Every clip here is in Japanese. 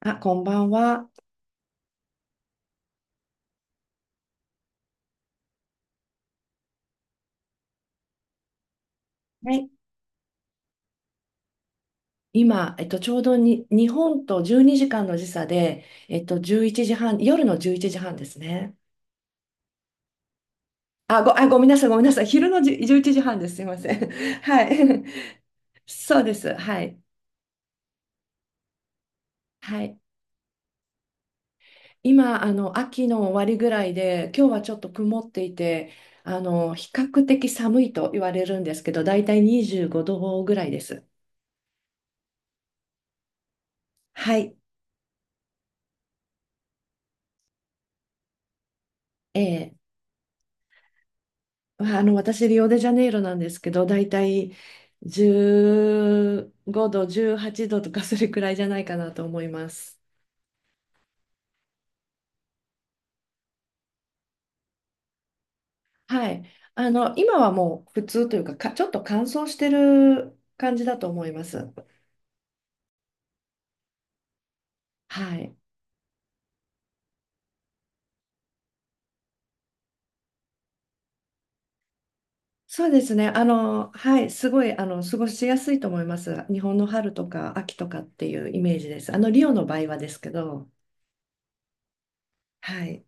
あ、こんばんは。はい。今、ちょうどに日本と12時間の時差で、11時半、夜の11時半ですね。あ、ごめんなさい、ごめんなさい。昼のじじゅ11時半です。すいません。はい。そうです。はい。はい。今、秋の終わりぐらいで、今日はちょっと曇っていて、比較的寒いと言われるんですけど、だいたい25度ぐらいです。はい。ええまあの、私、リオデジャネイロなんですけど、だいたい15度、18度とかそれくらいじゃないかなと思います。はい。今はもう普通というか、ちょっと乾燥してる感じだと思います。はい。そうですね。はい。すごい、過ごしやすいと思います。日本の春とか秋とかっていうイメージです。リオの場合はですけど、はい。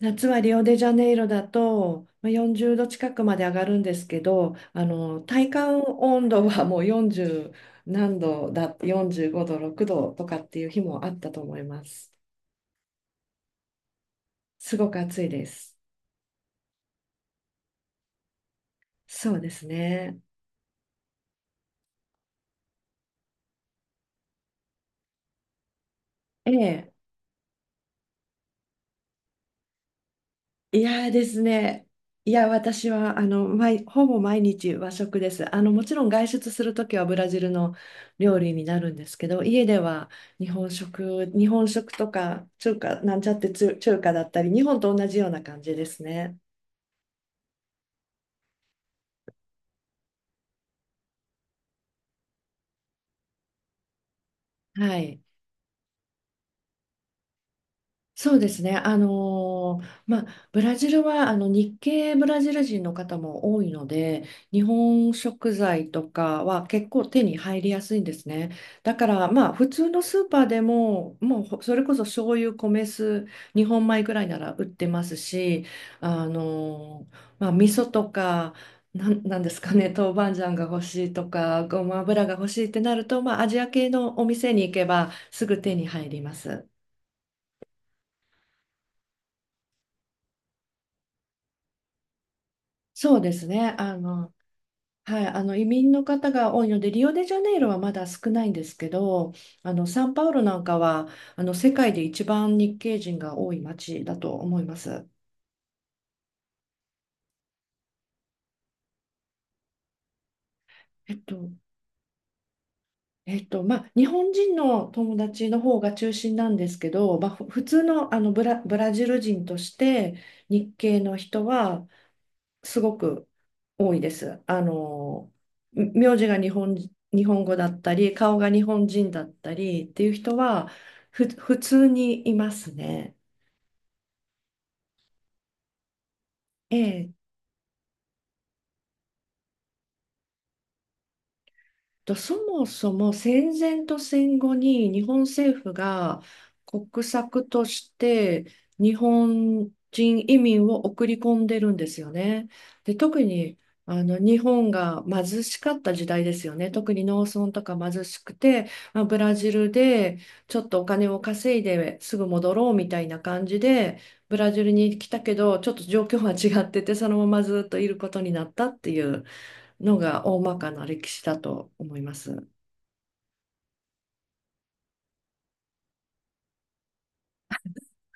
夏はリオデジャネイロだとまあ40度近くまで上がるんですけど、体感温度はもう40何度だ、45度、6度とかっていう日もあったと思います。すごく暑いです。そうですね。ええ、いやーですね。いや、私は、ほぼ毎日和食です。もちろん外出するときはブラジルの料理になるんですけど、家では日本食とか、なんちゃって中華だったり、日本と同じような感じですね。はい。そうですね。まあ、ブラジルは日系ブラジル人の方も多いので、日本食材とかは結構手に入りやすいんですね。だから、まあ、普通のスーパーでも、もうそれこそ醤油、米酢、日本米ぐらいなら売ってますし、まあ、味噌とか、なんですかね、豆板醤が欲しいとか、ごま油が欲しいってなると、まあ、アジア系のお店に行けばすぐ手に入ります。そうですね。はい、移民の方が多いので、リオデジャネイロはまだ少ないんですけど、サンパウロなんかは世界で一番日系人が多い町だと思います。えっと、まあ、日本人の友達の方が中心なんですけど、まあ、普通の、ブラジル人として日系の人はすごく多いです。名字が日本語だったり、顔が日本人だったりっていう人は、普通にいますね。ええそもそも戦前と戦後に日本政府が国策として日本人移民を送り込んでるんですよね。で、特に日本が貧しかった時代ですよね。特に農村とか貧しくて、まあ、ブラジルでちょっとお金を稼いですぐ戻ろうみたいな感じで、ブラジルに来たけど、ちょっと状況は違ってて、そのままずっといることになったっていうのが大まかな歴史だと思います。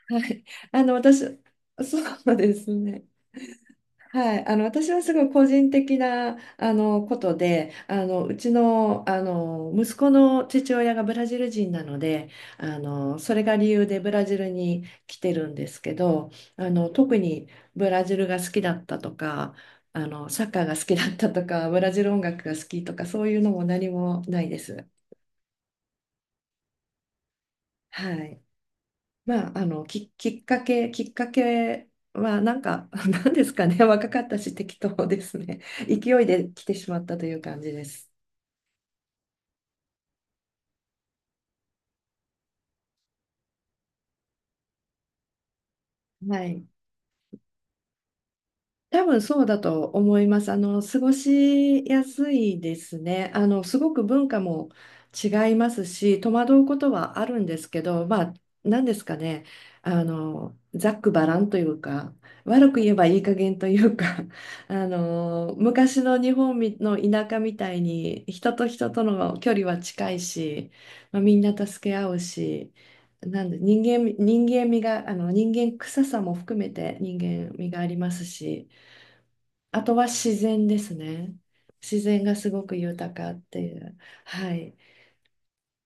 はい、私、そうですね。はい、私はすごい個人的なことで、うちの、息子の父親がブラジル人なので、それが理由でブラジルに来てるんですけど、特にブラジルが好きだったとか、サッカーが好きだったとか、ブラジル音楽が好きとかそういうのも何もないです。はい。まあ、きっかけは、なんか、なんですかね、若かったし、適当ですね。勢いで来てしまったという感じです。はい。多分そうだと思います。過ごしやすいですね。すごく文化も違いますし、戸惑うことはあるんですけど、まあ、何ですかね。ざっくばらんというか、悪く言えばいい加減というか、昔の日本みの田舎みたいに、人と人との距離は近いし、まあ、みんな助け合うし、なんで人間味が、人間臭さも含めて人間味がありますし、あとは自然ですね。自然がすごく豊かっていう。はい。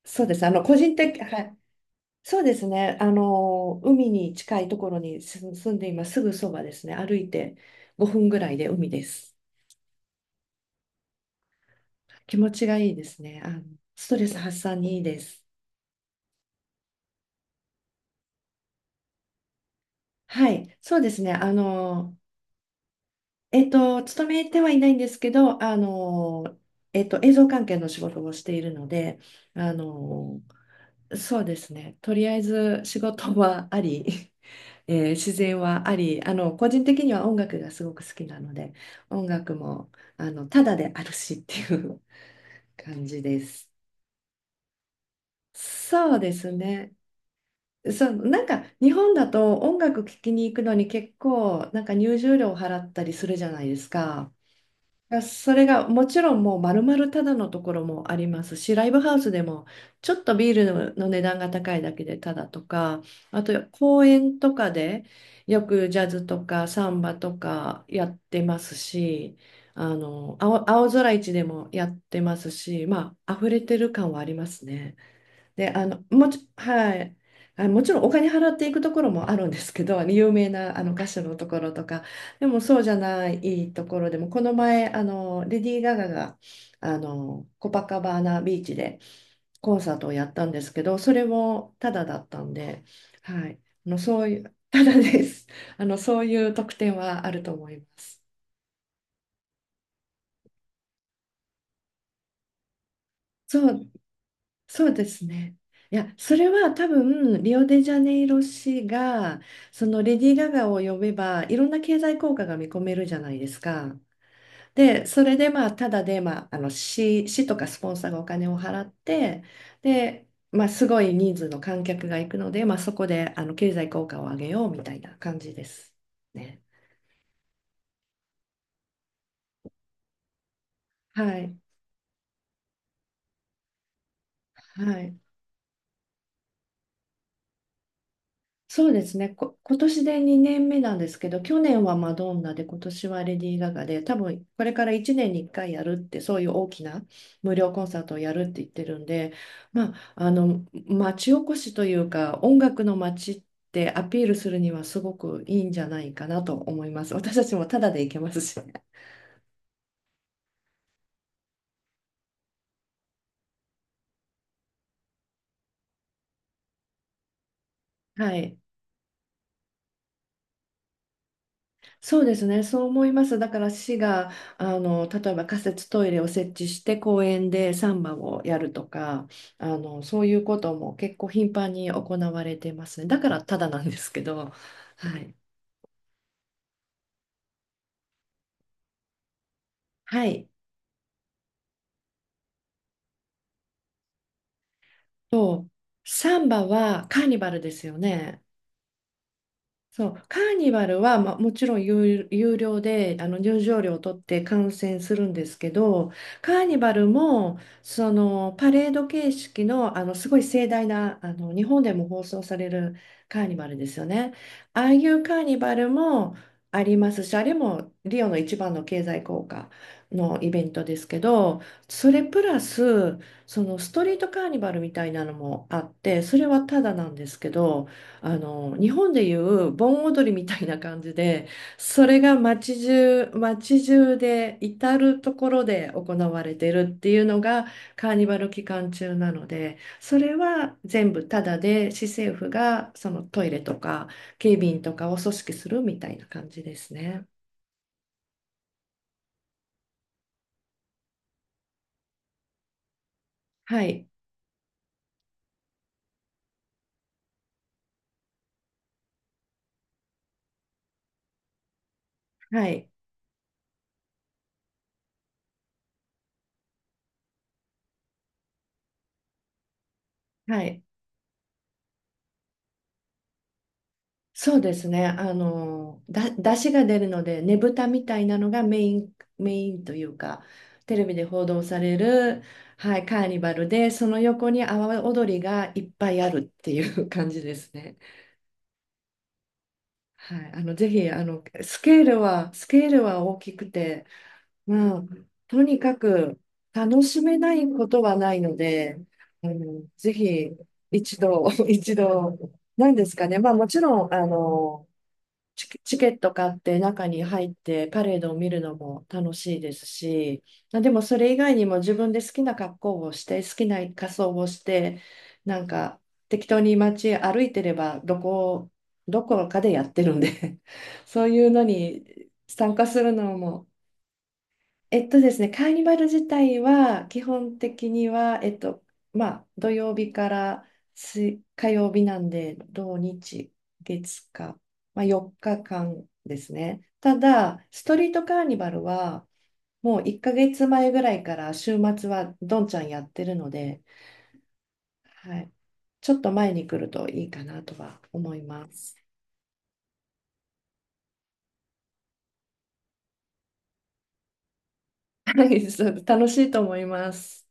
そうです。個人的、はい。そうですね。海に近いところに住んでいます。すぐそばですね。歩いて5分ぐらいで海です。気持ちがいいですね。ストレス発散にいいです。はい。そうですね。勤めてはいないんですけど、映像関係の仕事をしているので、あの、そうですね。とりあえず仕事はあり、自然はあり、個人的には音楽がすごく好きなので、音楽も、ただであるしっていう感じです。そうですね。そう、なんか日本だと音楽聴きに行くのに結構、なんか入場料を払ったりするじゃないですか。それがもちろんもう丸々ただのところもありますし、ライブハウスでもちょっとビールの値段が高いだけでただとか、あと公園とかでよくジャズとかサンバとかやってますし、青空市でもやってますし、まあ、溢れてる感はありますね。で、はい。あ、もちろんお金払っていくところもあるんですけど、有名な歌手のところとか、でもそうじゃないところでも、この前、レディー・ガガが、コパカバーナビーチでコンサートをやったんですけど、それもタダだったんで、はい。そういう、タダです。そういう特典はあると思います。そうそうですね。いや、それは多分、リオデジャネイロ市が、そのレディー・ガガを呼べば、いろんな経済効果が見込めるじゃないですか。で、それで、まあ、ただで、まあ、市とかスポンサーがお金を払って、で、まあ、すごい人数の観客が行くので、まあ、そこで、経済効果を上げようみたいな感じですね。はい。はい。そうですね。今年で2年目なんですけど、去年はマドンナで、今年はレディー・ガガで、多分これから1年に1回やるって、そういう大きな無料コンサートをやるって言ってるんで、まあ、町おこしというか、音楽の街ってアピールするにはすごくいいんじゃないかなと思います。私たちもタダで行けますし。はい。そうですね、そう思います。だから市が例えば仮設トイレを設置して公園でサンバをやるとかそういうことも結構頻繁に行われてますね。だからただなんですけど、はい、はい、とサンバはカーニバルですよね。そう、カーニバルは、まあ、もちろん有料で入場料を取って観戦するんですけどカーニバルもそのパレード形式の、すごい盛大な日本でも放送されるカーニバルですよね。ああいうカーニバルもありますしあれもリオの一番の経済効果のイベントですけどそれプラスそのストリートカーニバルみたいなのもあってそれはただなんですけど。日本でいう盆踊りみたいな感じでそれが街中街中で至る所で行われてるっていうのがカーニバル期間中なのでそれは全部タダで市政府がそのトイレとか警備員とかを組織するみたいな感じですね。はい、はい、はいそうですね。出汁が出るので、ねぶたみたいなのがメイン、メインというか、テレビで報道される、はい、カーニバルで、その横に阿波踊りがいっぱいあるっていう感じですね。はい、ぜひ、スケールは大きくて、まあ、とにかく楽しめないことはないので、ぜひ、一度、一度、なんですかね。まあ、もちろん、チケット買って中に入ってパレードを見るのも楽しいですし、まあでもそれ以外にも自分で好きな格好をして好きな仮装をしてなんか適当に街歩いてればどこかでやってるんで そういうのに参加するのもですね、カーニバル自体は基本的には、まあ、土曜日から火曜日なんで、土日、月火、まあ、4日間ですね。ただ、ストリートカーニバルはもう1ヶ月前ぐらいから週末はどんちゃんやってるので、はい、ちょっと前に来るといいかなとは思います。はい、そう楽しいと思います。